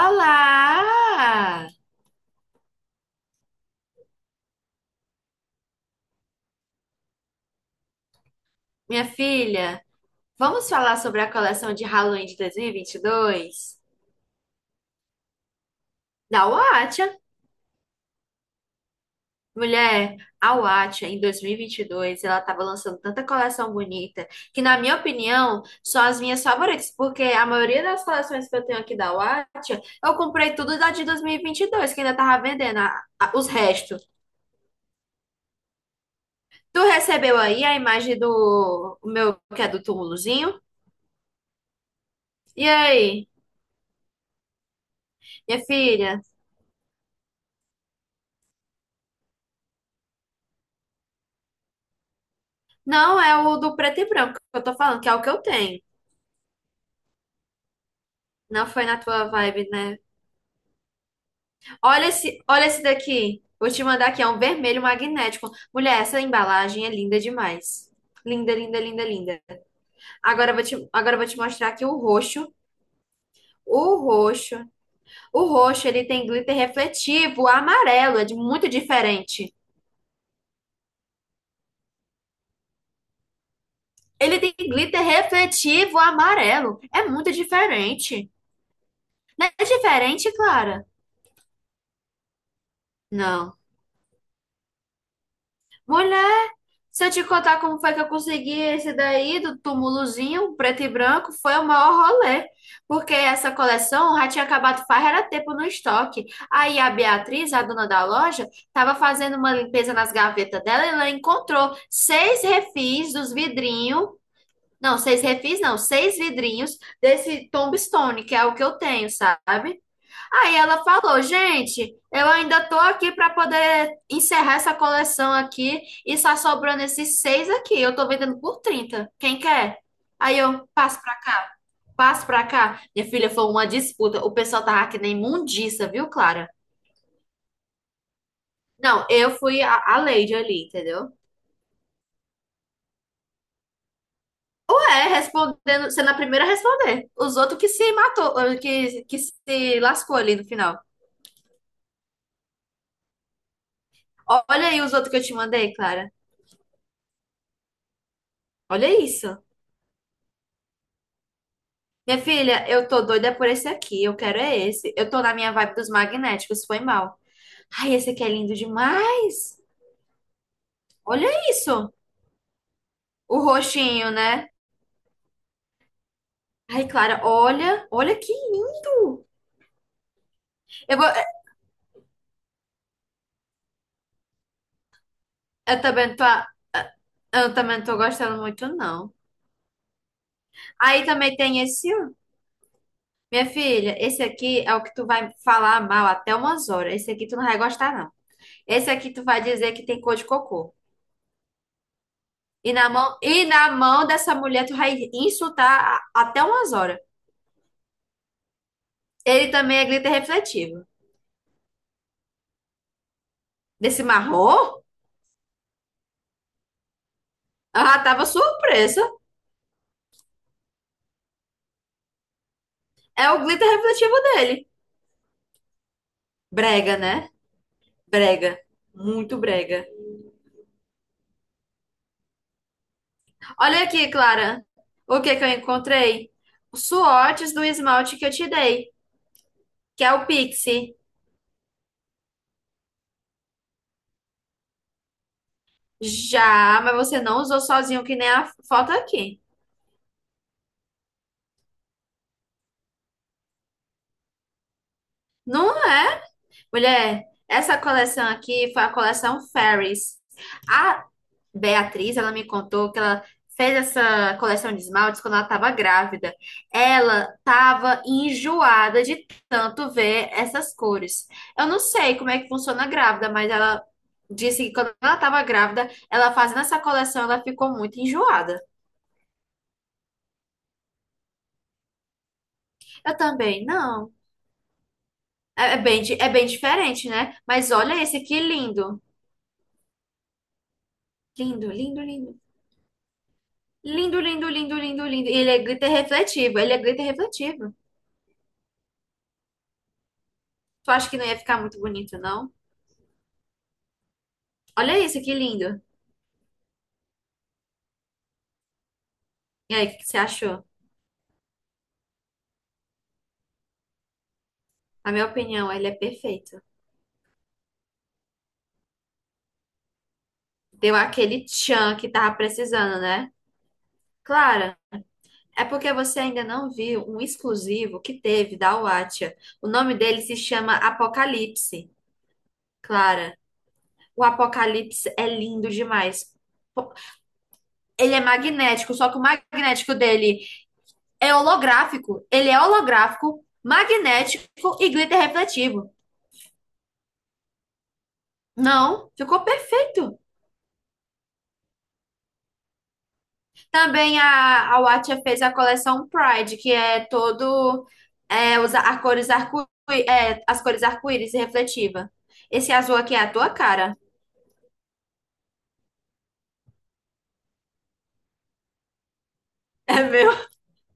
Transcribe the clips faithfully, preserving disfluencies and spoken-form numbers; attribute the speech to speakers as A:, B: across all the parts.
A: Olá, minha filha. Vamos falar sobre a coleção de Halloween de dois mil e e vinte e dois da Watcha. Mulher, a Watcha em dois mil e e vinte e dois, ela estava lançando tanta coleção bonita que, na minha opinião, são as minhas favoritas, porque a maioria das coleções que eu tenho aqui da Watcha, eu comprei tudo da de dois mil e e vinte e dois. Que ainda tava vendendo a- a- os restos. Tu recebeu aí a imagem do o meu, que é do túmulozinho? E aí, minha filha? Não, é o do preto e branco que eu tô falando, que é o que eu tenho. Não foi na tua vibe, né? Olha esse, olha esse daqui. Vou te mandar aqui, é um vermelho magnético. Mulher, essa embalagem é linda demais. Linda, linda, linda, linda. Agora eu vou te, agora eu vou te mostrar aqui o roxo. O roxo. O roxo, ele tem glitter refletivo amarelo, é de- muito diferente. Ele tem glitter refletivo amarelo. É muito diferente. Não é diferente, Clara? Não. Mulher. Se eu te contar como foi que eu consegui esse daí do túmulozinho, preto e branco, foi o maior rolê. Porque essa coleção já tinha acabado faz era tempo no estoque. Aí a Beatriz, a dona da loja, estava fazendo uma limpeza nas gavetas dela e ela encontrou seis refis dos vidrinhos. Não, seis refis não, seis vidrinhos desse Tombstone, que é o que eu tenho, sabe? Aí ela falou, gente, eu ainda tô aqui para poder encerrar essa coleção aqui e só sobrando esses seis aqui. Eu tô vendendo por trinta. Quem quer? Aí eu passo pra, passo pra cá. Minha filha, foi uma disputa. O pessoal tava que nem imundiça, viu, Clara? Não, eu fui a, a lady ali, entendeu? Ué, respondendo, sendo a primeira a responder. Os outros que se matou, eh, que, que se lascou ali no final. Olha aí os outros que eu te mandei, Clara. Olha isso. Minha filha, eu tô doida por esse aqui. Eu quero é esse. Eu tô na minha vibe dos magnéticos, foi mal. Ai, esse aqui é lindo demais. Olha isso. O roxinho, né? Ai, Clara, olha. Olha que lindo. Eu vou, eu também tô, a- eu também não tô gostando muito, não. Aí também tem esse, ó. Minha filha, esse aqui é o que tu vai falar mal até umas horas. Esse aqui tu não vai gostar, não. Esse aqui tu vai dizer que tem cor de cocô. E na mão, e na mão dessa mulher tu vai insultar a- até umas horas. Ele também é glitter refletivo. Desse marrom, ela tava surpresa. É o glitter refletivo dele. Brega, né? Brega. Muito brega. Olha aqui, Clara. O que que eu encontrei? Os Swatches do esmalte que eu te dei, que é o Pixie. Já, mas você não usou sozinho, que nem a foto aqui. Não é? Mulher, essa coleção aqui foi a coleção Fairies. A, Beatriz, ela me contou que ela fez essa coleção de esmaltes quando ela estava grávida. Ela estava enjoada de tanto ver essas cores. Eu não sei como é que funciona grávida, mas ela disse que quando ela estava grávida, ela fazendo essa coleção, ela ficou muito enjoada. Eu também, não. É é bem, di- é bem diferente, né? Mas olha esse aqui lindo. Lindo, lindo, lindo. Lindo, lindo, lindo, lindo, lindo. E ele é glitter refletivo. Ele é glitter refletivo. Tu acha que não ia ficar muito bonito, não? Olha isso, que lindo. E aí, o que que você achou? Na minha opinião, ele é perfeito. Deu aquele tchan que tava precisando, né? Clara, é porque você ainda não viu um exclusivo que teve da Watcha. O nome dele se chama Apocalipse. Clara, o Apocalipse é lindo demais. Po- Ele é magnético, só que o magnético dele é holográfico. Ele é holográfico, magnético e glitter refletivo. Não, ficou perfeito. Também a, a Watcha fez a coleção Pride, que é todo é, os, a cores arco, é, as cores arco-íris e refletiva. Esse azul aqui é a tua cara. É meu.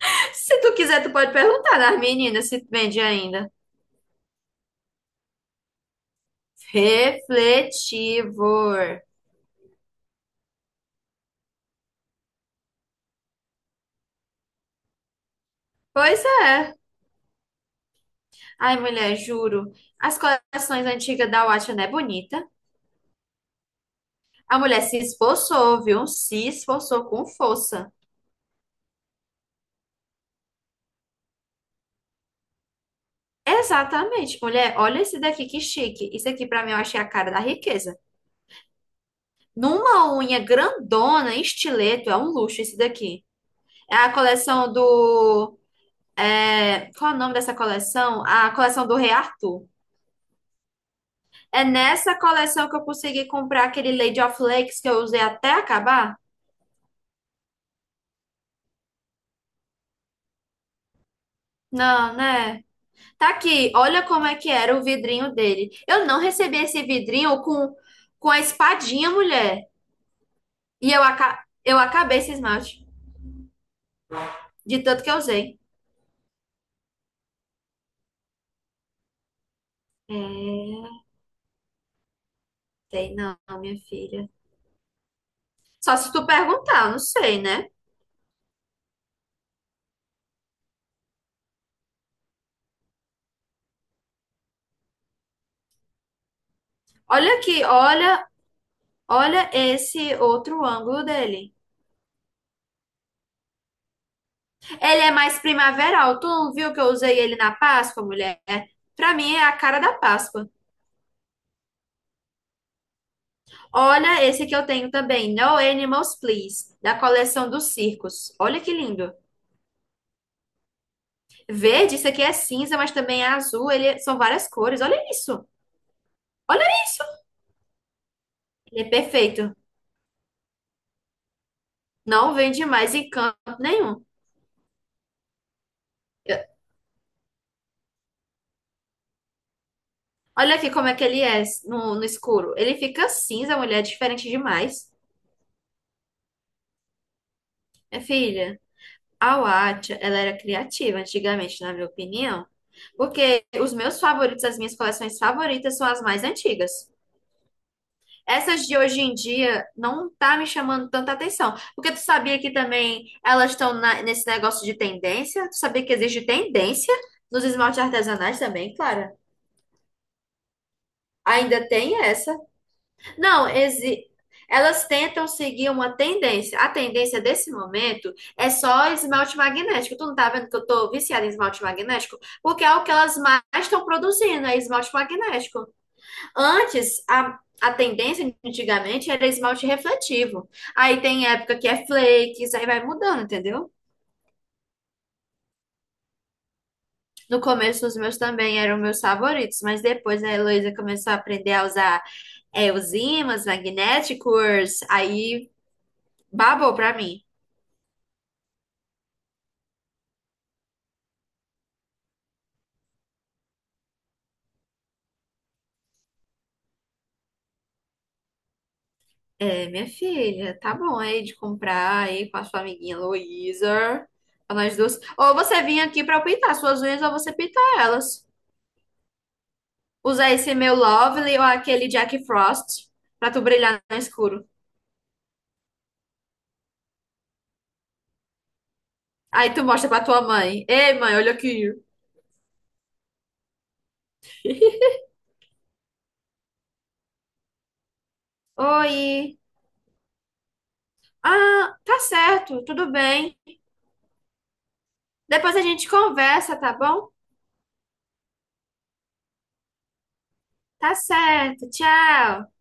A: Se tu quiser, tu pode perguntar das meninas se vende ainda. Refletivor. Pois é. Ai, mulher, juro. As coleções antigas da Watcha não é bonita. A mulher se esforçou, viu? Se esforçou com força. Exatamente, mulher. Olha esse daqui que chique. Isso aqui pra mim eu achei a cara da riqueza. Numa unha grandona, em estileto, é um luxo esse daqui. É a coleção do. é, Qual é o nome dessa coleção? A coleção do Rei Arthur. É nessa coleção que eu consegui comprar aquele Lady of Lakes que eu usei até acabar? Não, né? Tá aqui. Olha como é que era o vidrinho dele. Eu não recebi esse vidrinho com, com a espadinha, mulher. E eu, aca... eu acabei esse esmalte. De tanto que eu usei. É, sei não, minha filha. Só se tu perguntar, eu não sei, né? Olha aqui, olha, olha esse outro ângulo dele. Ele é mais primaveral. Tu não viu que eu usei ele na Páscoa, mulher? Pra mim é a cara da Páscoa. Olha esse que eu tenho também, No Animals Please, da coleção dos circos. Olha que lindo. Verde, isso aqui é cinza, mas também é azul. Ele é, são várias cores. Olha isso. Olha isso. Ele é perfeito. Não vende mais em canto nenhum. Olha aqui como é que ele é no, no escuro. Ele fica cinza, a mulher é diferente demais. Minha filha, a Watcha, ela era criativa antigamente, na minha opinião. Porque os meus favoritos, as minhas coleções favoritas são as mais antigas. Essas de hoje em dia não tá me chamando tanta atenção. Porque tu sabia que também elas estão na- nesse negócio de tendência? Tu sabia que existe tendência nos esmaltes artesanais também, Clara? Ainda tem essa. Não, exi- elas tentam seguir uma tendência. A tendência desse momento é só esmalte magnético. Tu não tá vendo que eu tô viciada em esmalte magnético? Porque é o que elas mais estão produzindo, é esmalte magnético. Antes, a, a tendência antigamente era esmalte refletivo. Aí tem época que é flakes, aí vai mudando, entendeu? No começo, os meus também eram meus favoritos, mas depois a Heloísa começou a aprender a usar é, os ímãs magnéticos, aí babou pra mim. É, minha filha, tá bom aí de comprar aí com a sua amiguinha Luísa. Pra nós duas. Ou você vinha aqui pra eu pintar suas unhas ou você pintar elas. Usar esse meu Lovely ou aquele Jack Frost pra tu brilhar no escuro. Aí tu mostra pra tua mãe. Ei, mãe, olha aqui. Oi. Ah, tá certo, tudo bem. Depois a gente conversa, tá bom? Tá certo, tchau.